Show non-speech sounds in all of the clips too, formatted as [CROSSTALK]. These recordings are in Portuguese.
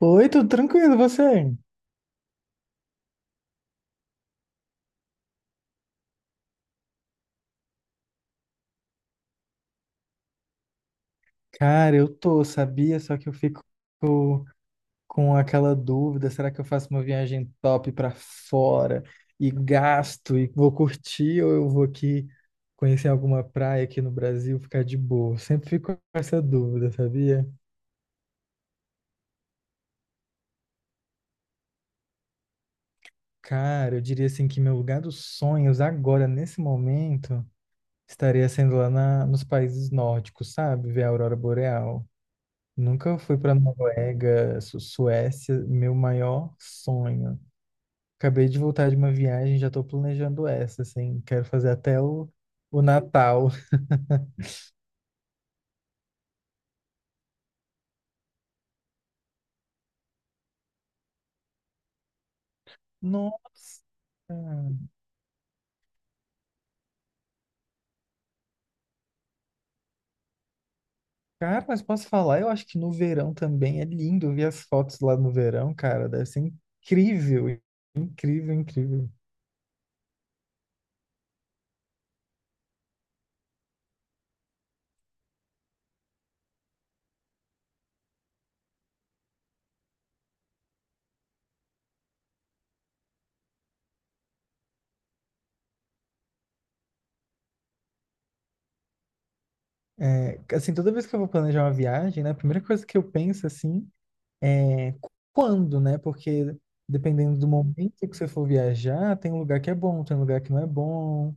Oi, tudo tranquilo, e você? Cara, eu tô, sabia? Só que eu fico com aquela dúvida, será que eu faço uma viagem top pra fora e gasto e vou curtir ou eu vou aqui conhecer alguma praia aqui no Brasil, ficar de boa? Eu sempre fico com essa dúvida, sabia? Cara, eu diria assim que meu lugar dos sonhos agora, nesse momento, estaria sendo lá nos países nórdicos, sabe? Ver a aurora boreal. Nunca fui para Noruega, Suécia, meu maior sonho. Acabei de voltar de uma viagem, já estou planejando essa, assim, quero fazer até o Natal. [LAUGHS] Nossa, cara, mas posso falar? Eu acho que no verão também é lindo ver as fotos lá no verão, cara, deve ser incrível, incrível, incrível. É, assim, toda vez que eu vou planejar uma viagem, né, a primeira coisa que eu penso, assim, é, quando, né? Porque dependendo do momento que você for viajar, tem um lugar que é bom, tem um lugar que não é bom.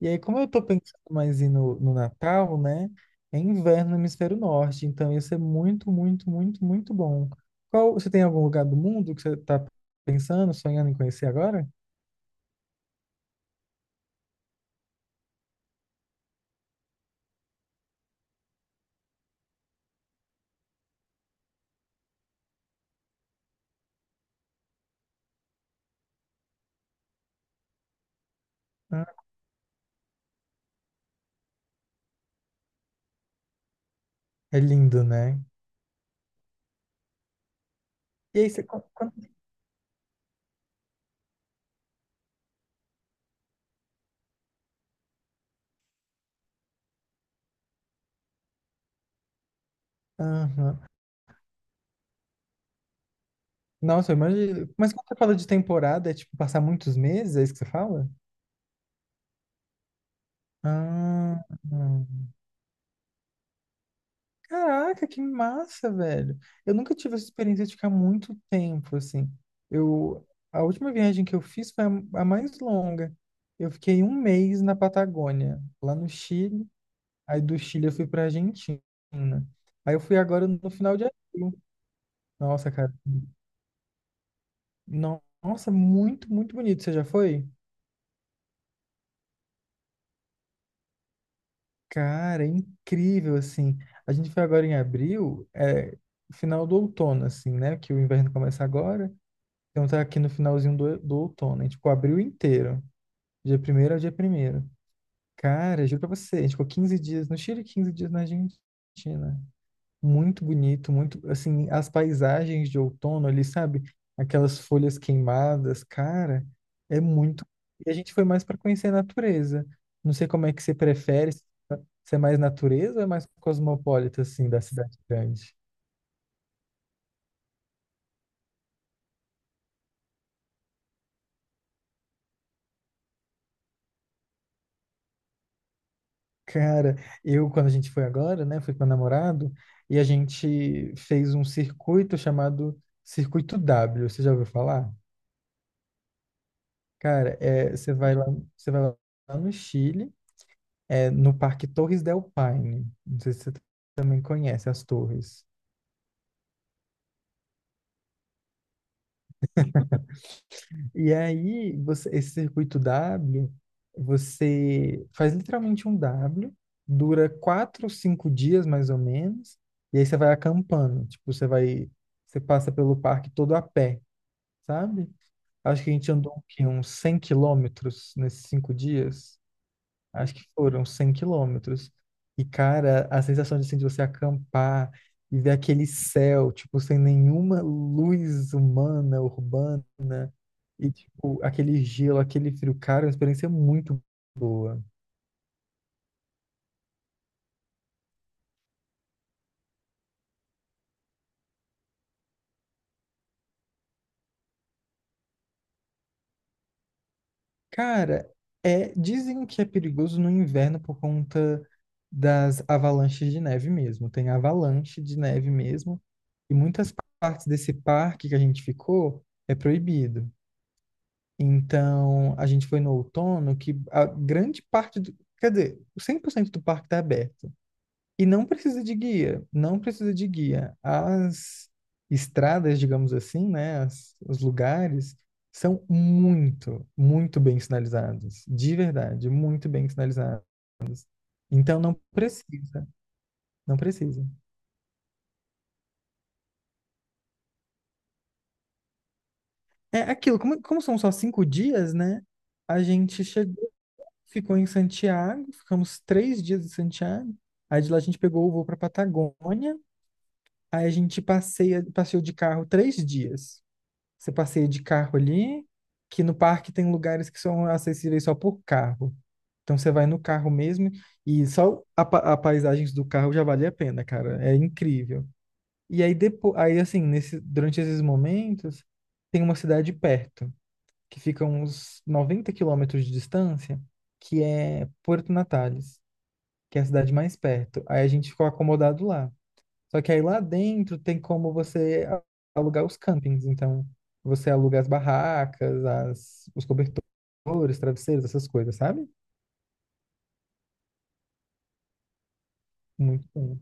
E aí, como eu tô pensando mais em no Natal, né? É inverno no hemisfério norte, então ia ser muito, muito, muito, muito bom. Qual, você tem algum lugar do mundo que você tá pensando, sonhando em conhecer agora? Ah, é lindo, né? E aí, você, aham. Nossa, eu imagino. Mas quando você fala de temporada, é tipo passar muitos meses, é isso que você fala? Ah, hum. Caraca, que massa, velho. Eu nunca tive essa experiência de ficar muito tempo, assim. Eu, a última viagem que eu fiz foi a mais longa. Eu fiquei um mês na Patagônia, lá no Chile. Aí do Chile eu fui pra Argentina. Aí eu fui agora no final de abril. Nossa, cara. Nossa, muito, muito bonito. Você já foi? Cara, é incrível, assim. A gente foi agora em abril, é, final do outono, assim, né? Que o inverno começa agora. Então tá aqui no finalzinho do outono. A gente ficou abril inteiro. Dia primeiro º ao dia primeiro º. Cara, juro pra você, a gente ficou 15 dias no Chile e 15 dias na Argentina. Muito bonito, muito, assim, as paisagens de outono ali, sabe? Aquelas folhas queimadas, cara, é muito. E a gente foi mais pra conhecer a natureza. Não sei como é que você prefere, se é mais natureza ou é mais cosmopolita, assim, da cidade grande? Cara, eu, quando a gente foi agora, né, fui com meu namorado e a gente fez um circuito chamado Circuito W. Você já ouviu falar? Cara, é, você vai lá no Chile, é, no Parque Torres del Paine. Não sei se você também conhece as torres. E aí, esse circuito W, você faz literalmente um W, dura 4, 5 dias mais ou menos, e aí você vai acampando. Tipo, você passa pelo parque todo a pé, sabe? Acho que a gente andou o quê? Uns 100 quilômetros nesses 5 dias, acho que foram 100 quilômetros. E, cara, a sensação de, assim, de você acampar e ver aquele céu, tipo, sem nenhuma luz humana, urbana, e, tipo, aquele gelo, aquele frio, cara, é uma experiência muito boa. Cara, é, dizem que é perigoso no inverno por conta das avalanches de neve mesmo. Tem avalanche de neve mesmo, e muitas partes desse parque que a gente ficou é proibido. Então, a gente foi no outono, que a grande parte do, quer dizer, 100% do parque está aberto. E não precisa de guia, não precisa de guia. As estradas, digamos assim, né, os lugares são muito, muito bem sinalizados, de verdade, muito bem sinalizados. Então não precisa, não precisa. É aquilo, como são só 5 dias, né? A gente che ficou em Santiago, ficamos 3 dias em Santiago. Aí de lá a gente pegou o voo para Patagônia. Aí a gente passeou de carro 3 dias. Você passeia de carro ali, que no parque tem lugares que são acessíveis só por carro. Então você vai no carro mesmo e só a paisagens do carro já vale a pena, cara. É incrível. E aí depois, aí assim, nesse, durante esses momentos, tem uma cidade perto que fica a uns 90 quilômetros de distância, que é Porto Natales, que é a cidade mais perto. Aí a gente ficou acomodado lá. Só que aí lá dentro tem como você alugar os campings. Então, você aluga as barracas, os cobertores, travesseiros, essas coisas, sabe? Muito bom.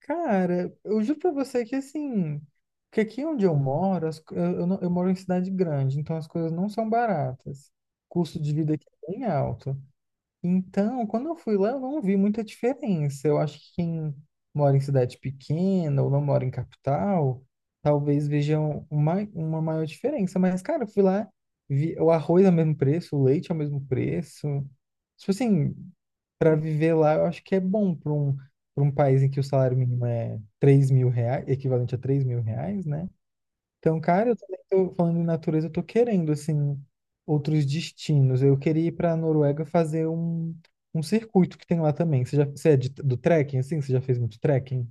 Cara, eu juro pra você que assim, que aqui onde eu moro, as co- eu, não- eu moro em cidade grande, então as coisas não são baratas. O custo de vida aqui é bem alto. Então, quando eu fui lá, eu não vi muita diferença. Eu acho que quem mora em cidade pequena ou não mora em capital, talvez vejam uma maior diferença. Mas, cara, eu fui lá, vi o arroz ao mesmo preço, o leite ao mesmo preço. Tipo assim, para viver lá, eu acho que é bom para um, país em que o salário mínimo é 3.000 reais, equivalente a 3.000 reais, né? Então, cara, eu também tô falando em natureza, eu tô querendo, assim, outros destinos. Eu queria ir pra Noruega fazer um circuito que tem lá também. Você já, você é do trekking, assim? Você já fez muito trekking?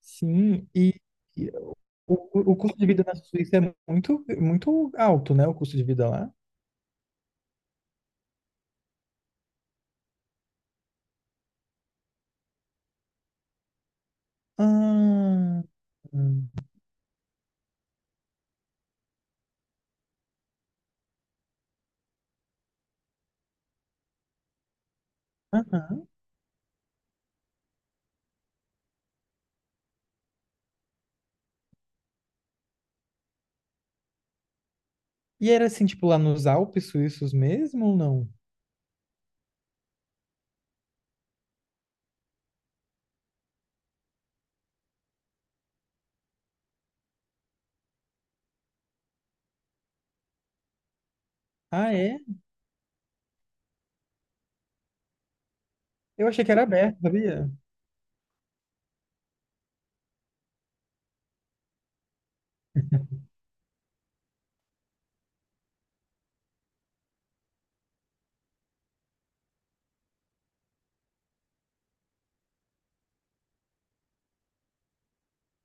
Sim, e o custo de vida na Suíça é muito, muito alto, né? O custo de vida lá. Ah, hum, aham. E era assim, tipo, lá nos Alpes suíços mesmo ou não? Ah, é? Eu achei que era aberto, sabia?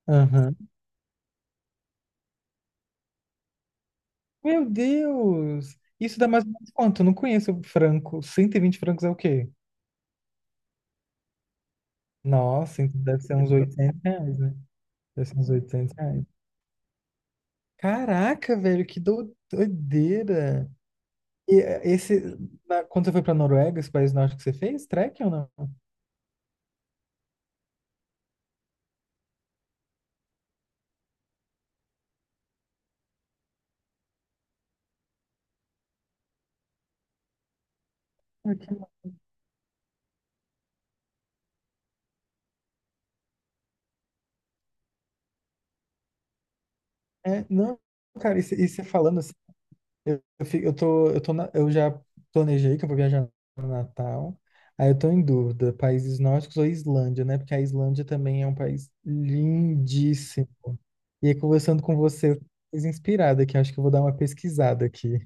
Aham. Meu Deus! Isso dá mais ou menos quanto? Eu não conheço franco. Cento e vinte francos é o quê? Nossa, então deve ser uns 800 reais, né? Deve ser uns 800 reais. Caraca, velho, que doideira! E quando você foi pra Noruega, esse país norte que você fez, trekking ou não? Ah, que-. É, não, cara, e você falando. Eu, fico- eu tô na- Eu já planejei que eu vou viajar no Natal. Aí eu tô em dúvida, países nórdicos ou Islândia, né? Porque a Islândia também é um país lindíssimo. E aí, conversando com você, eu fiquei mais inspirada aqui. Acho que eu vou dar uma pesquisada aqui.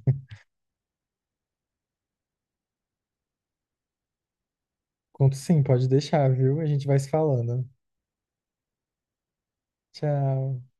Conto sim, pode deixar, viu? A gente vai se falando. Tchau.